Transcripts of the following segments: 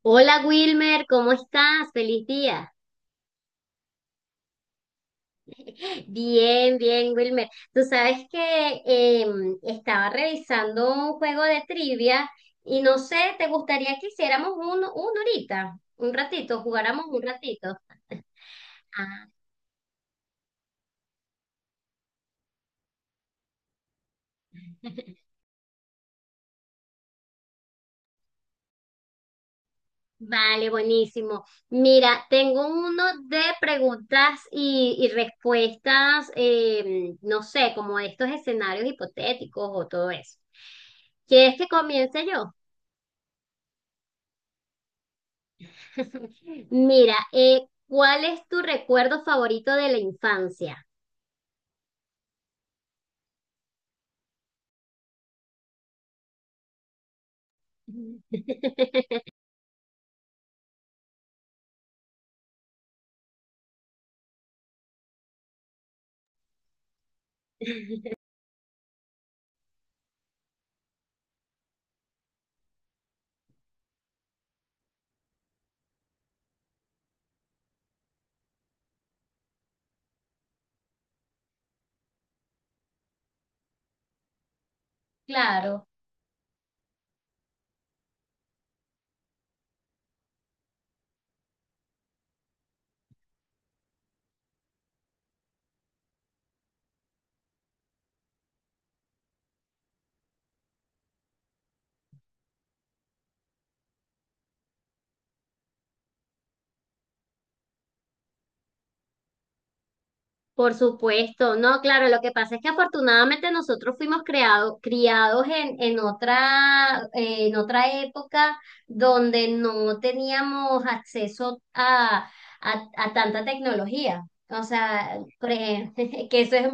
Hola Wilmer, ¿cómo estás? Feliz día. Bien, bien, Wilmer. Tú sabes que estaba revisando un juego de trivia y no sé, ¿te gustaría que hiciéramos uno ahorita? Un ratito, jugáramos un ratito. Ah, vale, buenísimo. Mira, tengo uno de preguntas y respuestas, no sé, como de estos escenarios hipotéticos o todo eso. ¿Quieres que comience yo? Mira, ¿cuál es tu recuerdo favorito de la infancia? Claro. Por supuesto, no, claro, lo que pasa es que afortunadamente nosotros fuimos creado, criados en otra, en otra época donde no teníamos acceso a tanta tecnología. O sea, por ejemplo, que eso es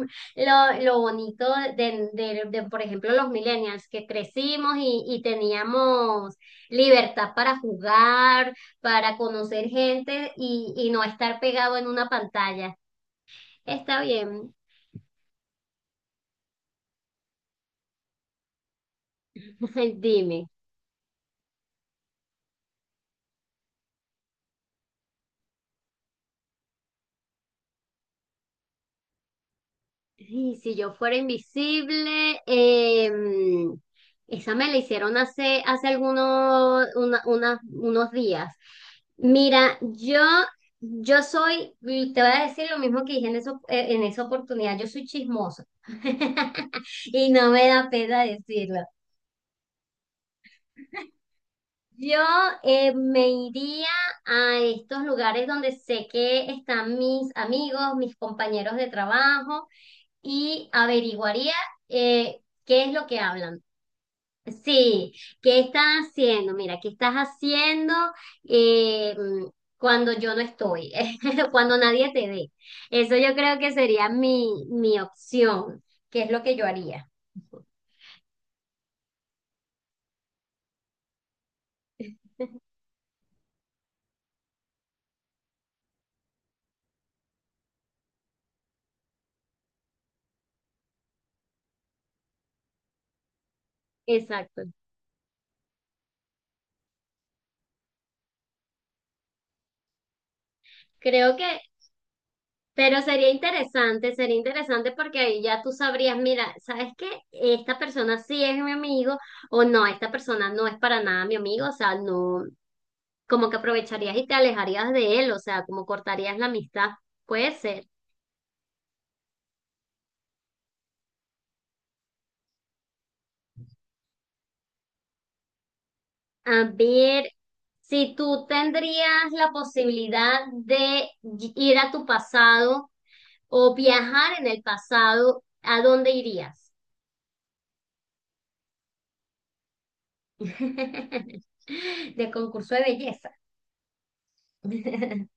lo bonito de, por ejemplo, los millennials, que crecimos y teníamos libertad para jugar, para conocer gente y no estar pegado en una pantalla. Está bien, dime. Y si yo fuera invisible, esa me la hicieron hace algunos unos días. Mira, yo soy, te voy a decir lo mismo que dije en, eso, en esa oportunidad, yo soy chismosa y no me da pena decirlo. Yo me iría a estos lugares donde sé que están mis amigos, mis compañeros de trabajo y averiguaría qué es lo que hablan. Sí, qué estás haciendo, mira, qué estás haciendo eh, mm, cuando yo no estoy, cuando nadie te ve. Eso yo creo que sería mi opción, que es lo que yo haría. Exacto. Creo que, pero sería interesante porque ahí ya tú sabrías, mira, ¿sabes qué? Esta persona sí es mi amigo o no, esta persona no es para nada mi amigo, o sea, no, como que aprovecharías y te alejarías de él, o sea, como cortarías la amistad, puede ser. A ver, si tú tendrías la posibilidad de ir a tu pasado o viajar en el pasado, ¿a dónde irías? De concurso de belleza.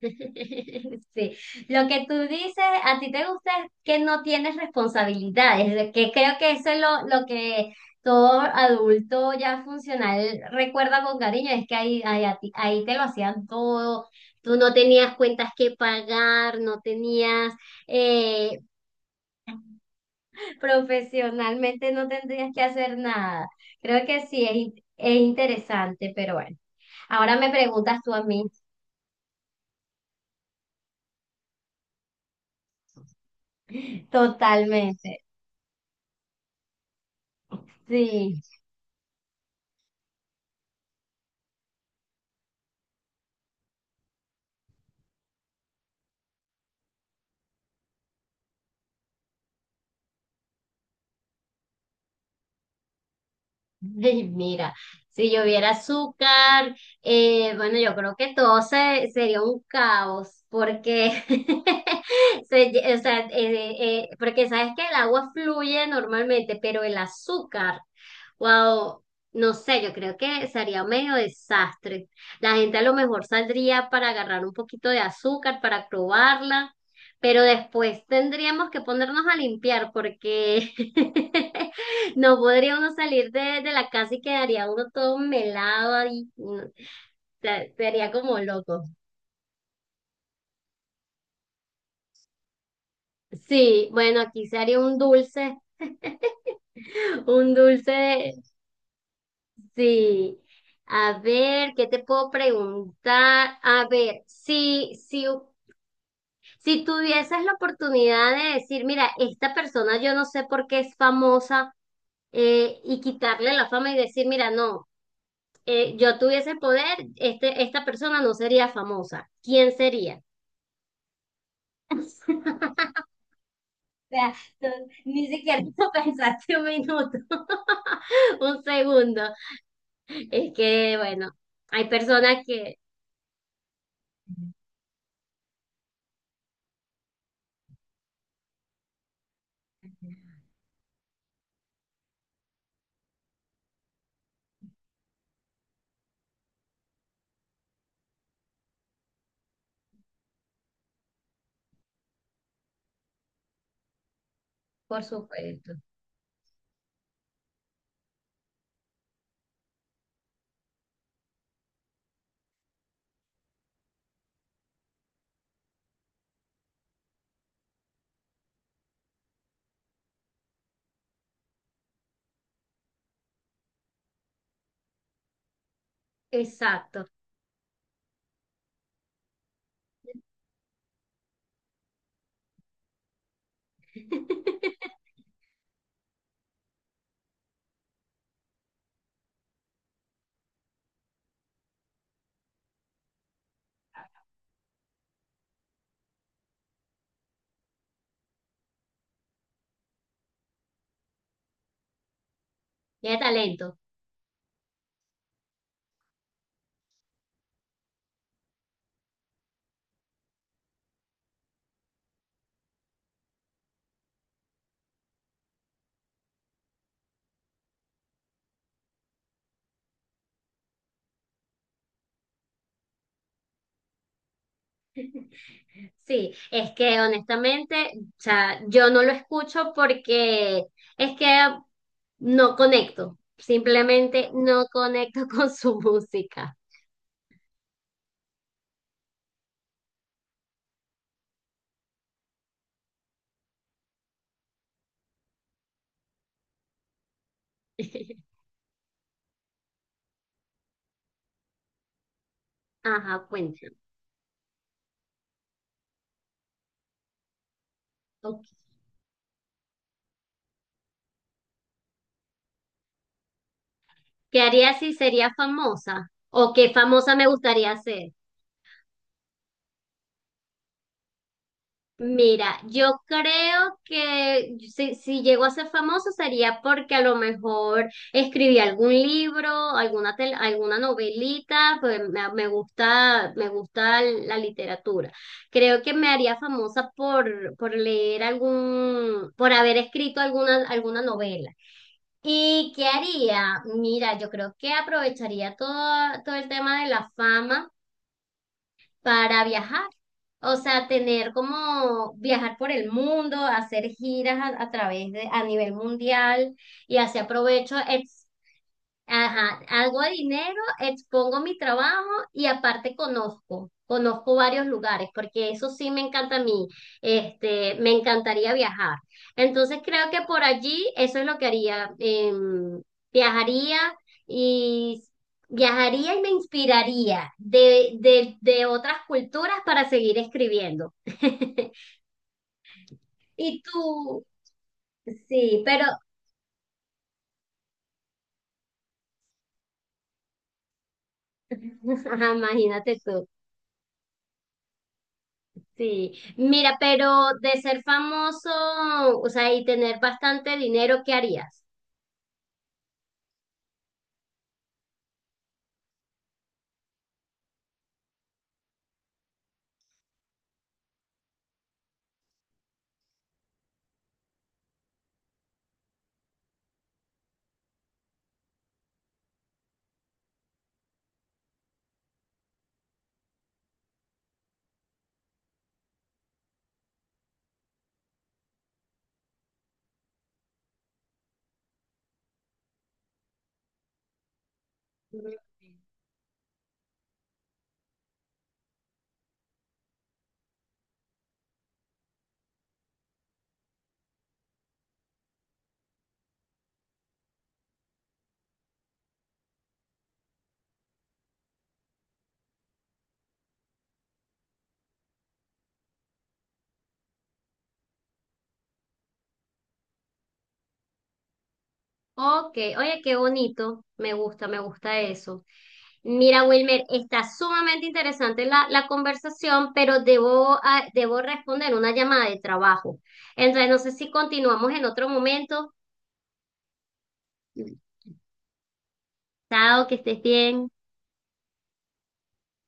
Sí, lo que tú dices, a ti te gusta es que no tienes responsabilidades, de que creo que eso es lo que todo adulto ya funcional recuerda con cariño, es que ahí, ahí te lo hacían todo, tú no tenías cuentas que pagar, no tenías, eh, profesionalmente no tendrías que hacer nada. Creo que sí, es, es interesante, pero bueno, ahora me preguntas tú a mí, totalmente, sí. Ay, mira, si lloviera azúcar, bueno, yo creo que todo sería un caos, porque, o sea, porque sabes que el agua fluye normalmente, pero el azúcar wow, no sé, yo creo que sería medio desastre. La gente a lo mejor saldría para agarrar un poquito de azúcar, para probarla, pero después tendríamos que ponernos a limpiar porque no podría uno salir de la casa y quedaría uno todo melado y sería como loco. Sí, bueno, aquí se haría un dulce, un dulce. Sí. A ver, ¿qué te puedo preguntar? A ver, si tuvieses la oportunidad de decir, mira, esta persona yo no sé por qué es famosa, y quitarle la fama y decir, mira, no, yo tuviese el poder, este, esta persona no sería famosa. ¿Quién sería? O sea, tú ni siquiera lo pensaste un minuto, un segundo. Es que, bueno, hay personas que, por supuesto, exacto. Tiene talento. Sí, es que honestamente, o sea, yo no lo escucho porque es que no conecto, simplemente no conecto con su música. Ajá, cuéntame. Ok. ¿Qué haría si sería famosa? ¿O qué famosa me gustaría ser? Mira, yo creo que si llego a ser famoso sería porque a lo mejor escribí algún libro, alguna novelita, pues me gusta la literatura. Creo que me haría famosa por leer algún, por haber escrito alguna, alguna novela. ¿Y qué haría? Mira, yo creo que aprovecharía todo, todo el tema de la fama para viajar. O sea, tener como viajar por el mundo, hacer giras a través de, a nivel mundial y así aprovecho ajá, hago dinero, expongo mi trabajo y aparte conozco, conozco varios lugares, porque eso sí me encanta a mí, este, me encantaría viajar. Entonces creo que por allí eso es lo que haría, viajaría y viajaría y me inspiraría de otras culturas para seguir escribiendo. Y tú, sí, pero ajá, imagínate tú. Sí, mira, pero de ser famoso, o sea, y tener bastante dinero, ¿qué harías? Ujú. Ok, oye, qué bonito, me gusta eso. Mira, Wilmer, está sumamente interesante la conversación, pero debo, ah, debo responder una llamada de trabajo. Entonces, no sé si continuamos en otro momento. Chao, que estés bien.